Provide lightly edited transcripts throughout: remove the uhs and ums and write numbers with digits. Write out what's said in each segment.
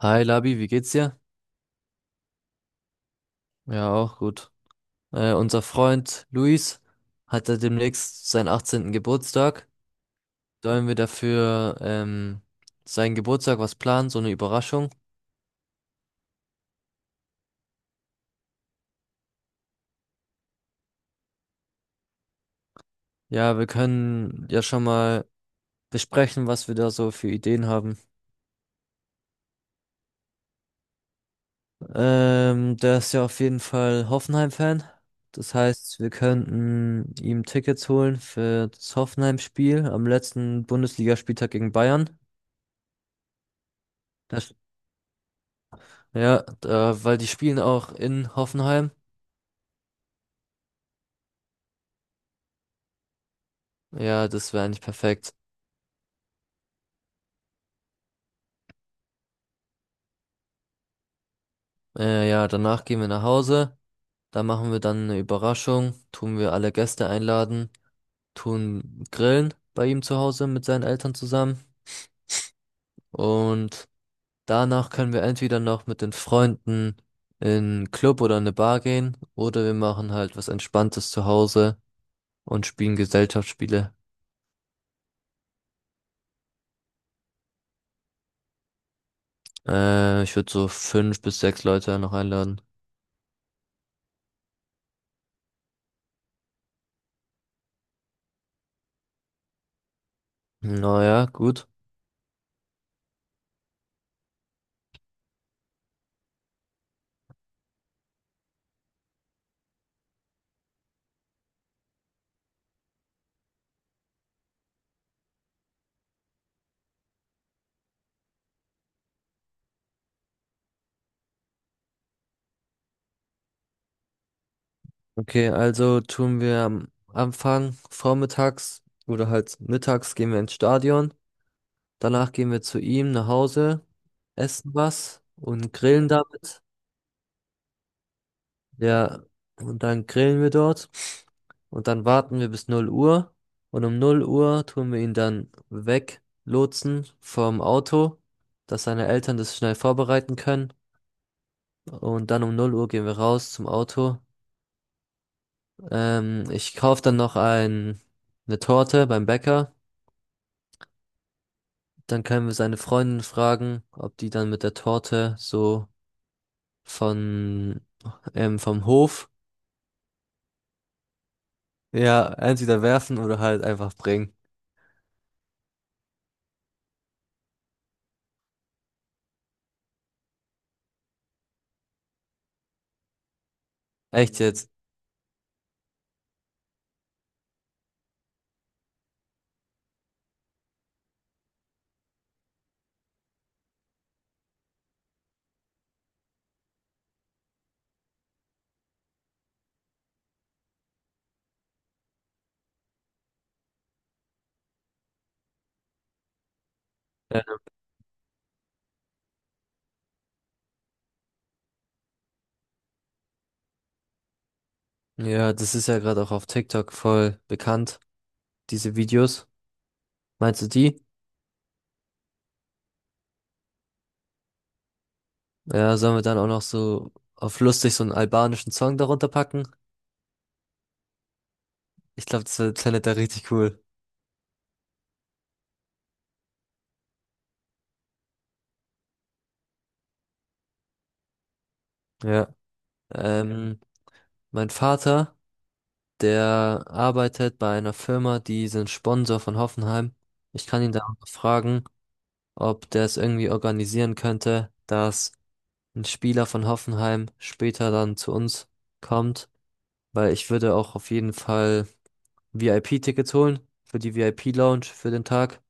Hi Labi, wie geht's dir? Ja, auch gut. Unser Freund Luis hat ja demnächst seinen 18. Geburtstag. Sollen wir dafür seinen Geburtstag was planen, so eine Überraschung? Ja, wir können ja schon mal besprechen, was wir da so für Ideen haben. Der ist ja auf jeden Fall Hoffenheim-Fan. Das heißt, wir könnten ihm Tickets holen für das Hoffenheim-Spiel am letzten Bundesligaspieltag gegen Bayern. Da Ja, da, weil die spielen auch in Hoffenheim. Ja, das wäre eigentlich perfekt. Ja, danach gehen wir nach Hause. Da machen wir dann eine Überraschung. Tun wir alle Gäste einladen. Tun grillen bei ihm zu Hause mit seinen Eltern zusammen. Und danach können wir entweder noch mit den Freunden in einen Club oder eine Bar gehen. Oder wir machen halt was Entspanntes zu Hause und spielen Gesellschaftsspiele. Ich würde so fünf bis sechs Leute noch einladen. Naja, gut. Okay, also tun wir am Anfang vormittags oder halt mittags gehen wir ins Stadion. Danach gehen wir zu ihm nach Hause, essen was und grillen damit. Ja, und dann grillen wir dort. Und dann warten wir bis 0 Uhr. Und um 0 Uhr tun wir ihn dann weglotsen vom Auto, dass seine Eltern das schnell vorbereiten können. Und dann um 0 Uhr gehen wir raus zum Auto. Ich kaufe dann noch ein, eine Torte beim Bäcker. Dann können wir seine Freundin fragen, ob die dann mit der Torte so von vom Hof ja entweder werfen oder halt einfach bringen. Echt jetzt? Ja, ja, das ist ja gerade auch auf TikTok voll bekannt, diese Videos. Meinst du die? Ja, sollen wir dann auch noch so auf lustig so einen albanischen Song darunter packen? Ich glaube, klingt da richtig cool. Ja. Ähm, mein Vater. Der arbeitet bei einer Firma, die sind Sponsor von Hoffenheim. Ich kann ihn da auch fragen, ob der es irgendwie organisieren könnte, dass ein Spieler von Hoffenheim später dann zu uns kommt, weil ich würde auch auf jeden Fall VIP-Tickets holen für die VIP-Lounge für den Tag.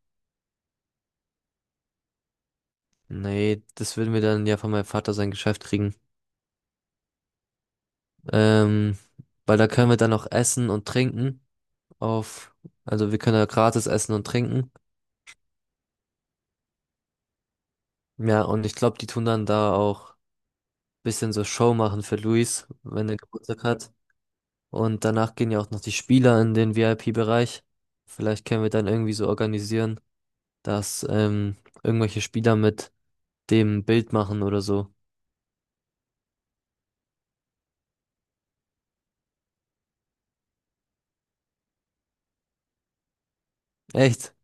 Nee, das würden wir dann ja von meinem Vater sein Geschäft kriegen. Ähm, weil da können wir dann auch essen und trinken auf, also wir können da gratis essen und trinken. Ja, und ich glaube, die tun dann da auch bisschen so Show machen für Luis, wenn er Geburtstag hat. Und danach gehen ja auch noch die Spieler in den VIP-Bereich. Vielleicht können wir dann irgendwie so organisieren, dass irgendwelche Spieler mit dem Bild machen oder so. Echt?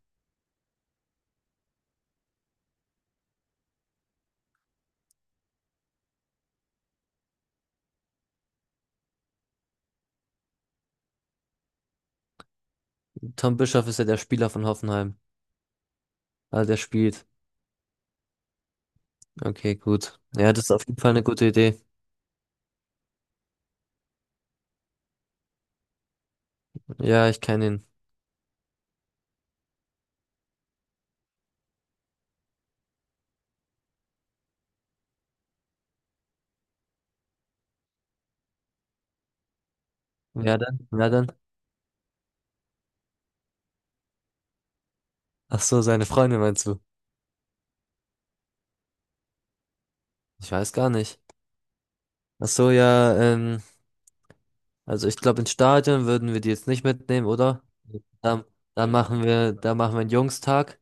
Tom Bischoff ist ja der Spieler von Hoffenheim. Ah, der spielt. Okay, gut. Ja, das ist auf jeden Fall eine gute Idee. Ja, ich kenne ihn. Wer denn? Wer denn? Ach so, seine Freundin meinst du? Ich weiß gar nicht. Ach so, ja, also ich glaube, ins Stadion würden wir die jetzt nicht mitnehmen, oder? Dann, dann da machen wir einen Jungstag.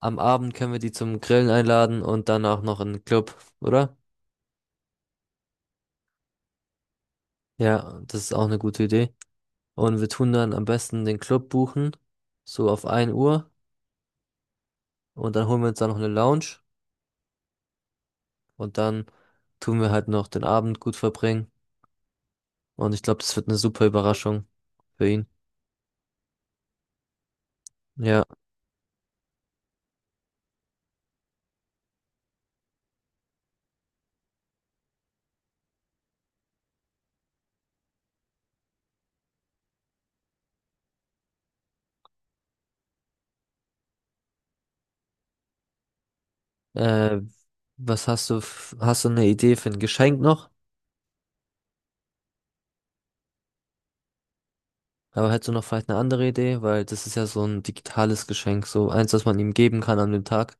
Am Abend können wir die zum Grillen einladen und dann auch noch in den Club, oder? Ja, das ist auch eine gute Idee. Und wir tun dann am besten den Club buchen, so auf 1 Uhr. Und dann holen wir uns dann noch eine Lounge. Und dann tun wir halt noch den Abend gut verbringen. Und ich glaube, das wird eine super Überraschung für ihn. Ja. Äh, was hast du, f- Hast du eine Idee für ein Geschenk noch? Aber hättest du noch vielleicht eine andere Idee? Weil das ist ja so ein digitales Geschenk, so eins, das man ihm geben kann an dem Tag.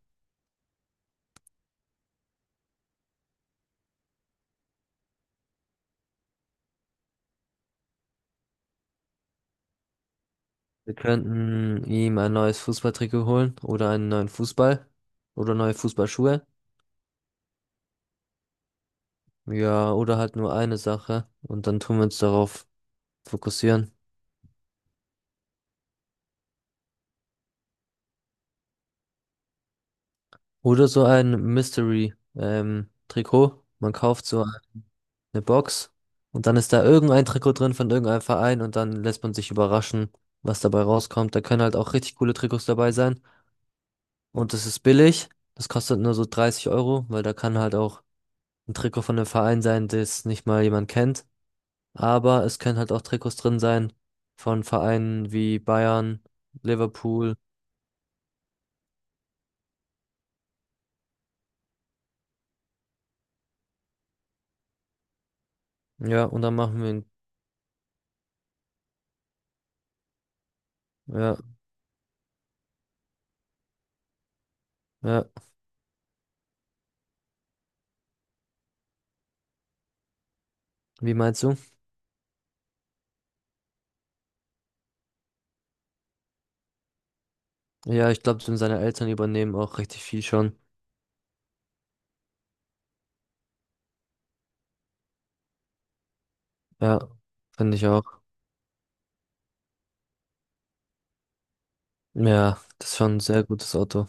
Wir könnten ihm ein neues Fußballtrikot holen oder einen neuen Fußball oder neue Fußballschuhe. Ja, oder halt nur eine Sache und dann tun wir uns darauf fokussieren. Oder so ein Mystery, Trikot. Man kauft so eine Box und dann ist da irgendein Trikot drin von irgendeinem Verein und dann lässt man sich überraschen, was dabei rauskommt. Da können halt auch richtig coole Trikots dabei sein. Und das ist billig. Das kostet nur so 30 Euro, weil da kann halt auch ein Trikot von einem Verein sein, das nicht mal jemand kennt. Aber es können halt auch Trikots drin sein von Vereinen wie Bayern, Liverpool. Ja, und dann machen wir ihn. Ja, ja. Wie meinst du? Ja, ich glaube, seine Eltern übernehmen auch richtig viel schon. Ja, finde ich auch. Ja, das ist schon ein sehr gutes Auto.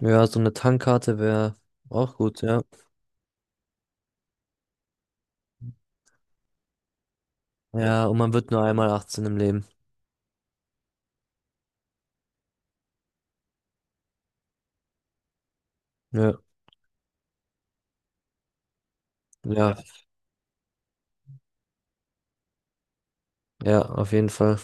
Ja, so eine Tankkarte wäre auch gut, ja. Ja, und man wird nur einmal 18 im Leben. Ja, ja, ja, auf jeden Fall.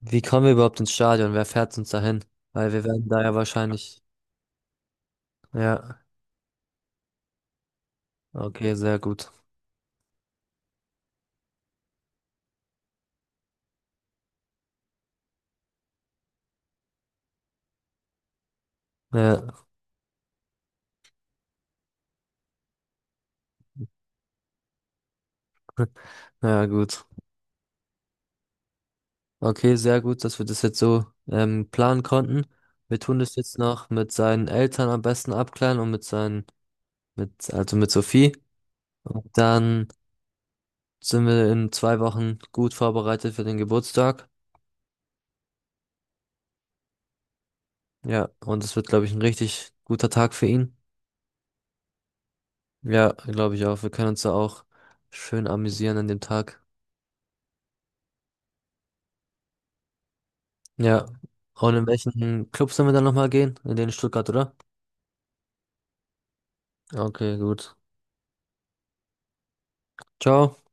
Wie kommen wir überhaupt ins Stadion? Wer fährt uns dahin? Weil wir werden da ja wahrscheinlich. Ja, okay, sehr gut. Ja, ja, gut. Okay, sehr gut, dass wir das jetzt so planen konnten. Wir tun das jetzt noch mit seinen Eltern am besten abklären und mit seinen, also mit Sophie. Und dann sind wir in 2 Wochen gut vorbereitet für den Geburtstag. Ja, und es wird, glaube ich, ein richtig guter Tag für ihn. Ja, glaube ich auch. Wir können uns da auch schön amüsieren an dem Tag. Ja. Und in welchen Club sollen wir dann nochmal gehen? In Stuttgart, oder? Okay, gut. Ciao.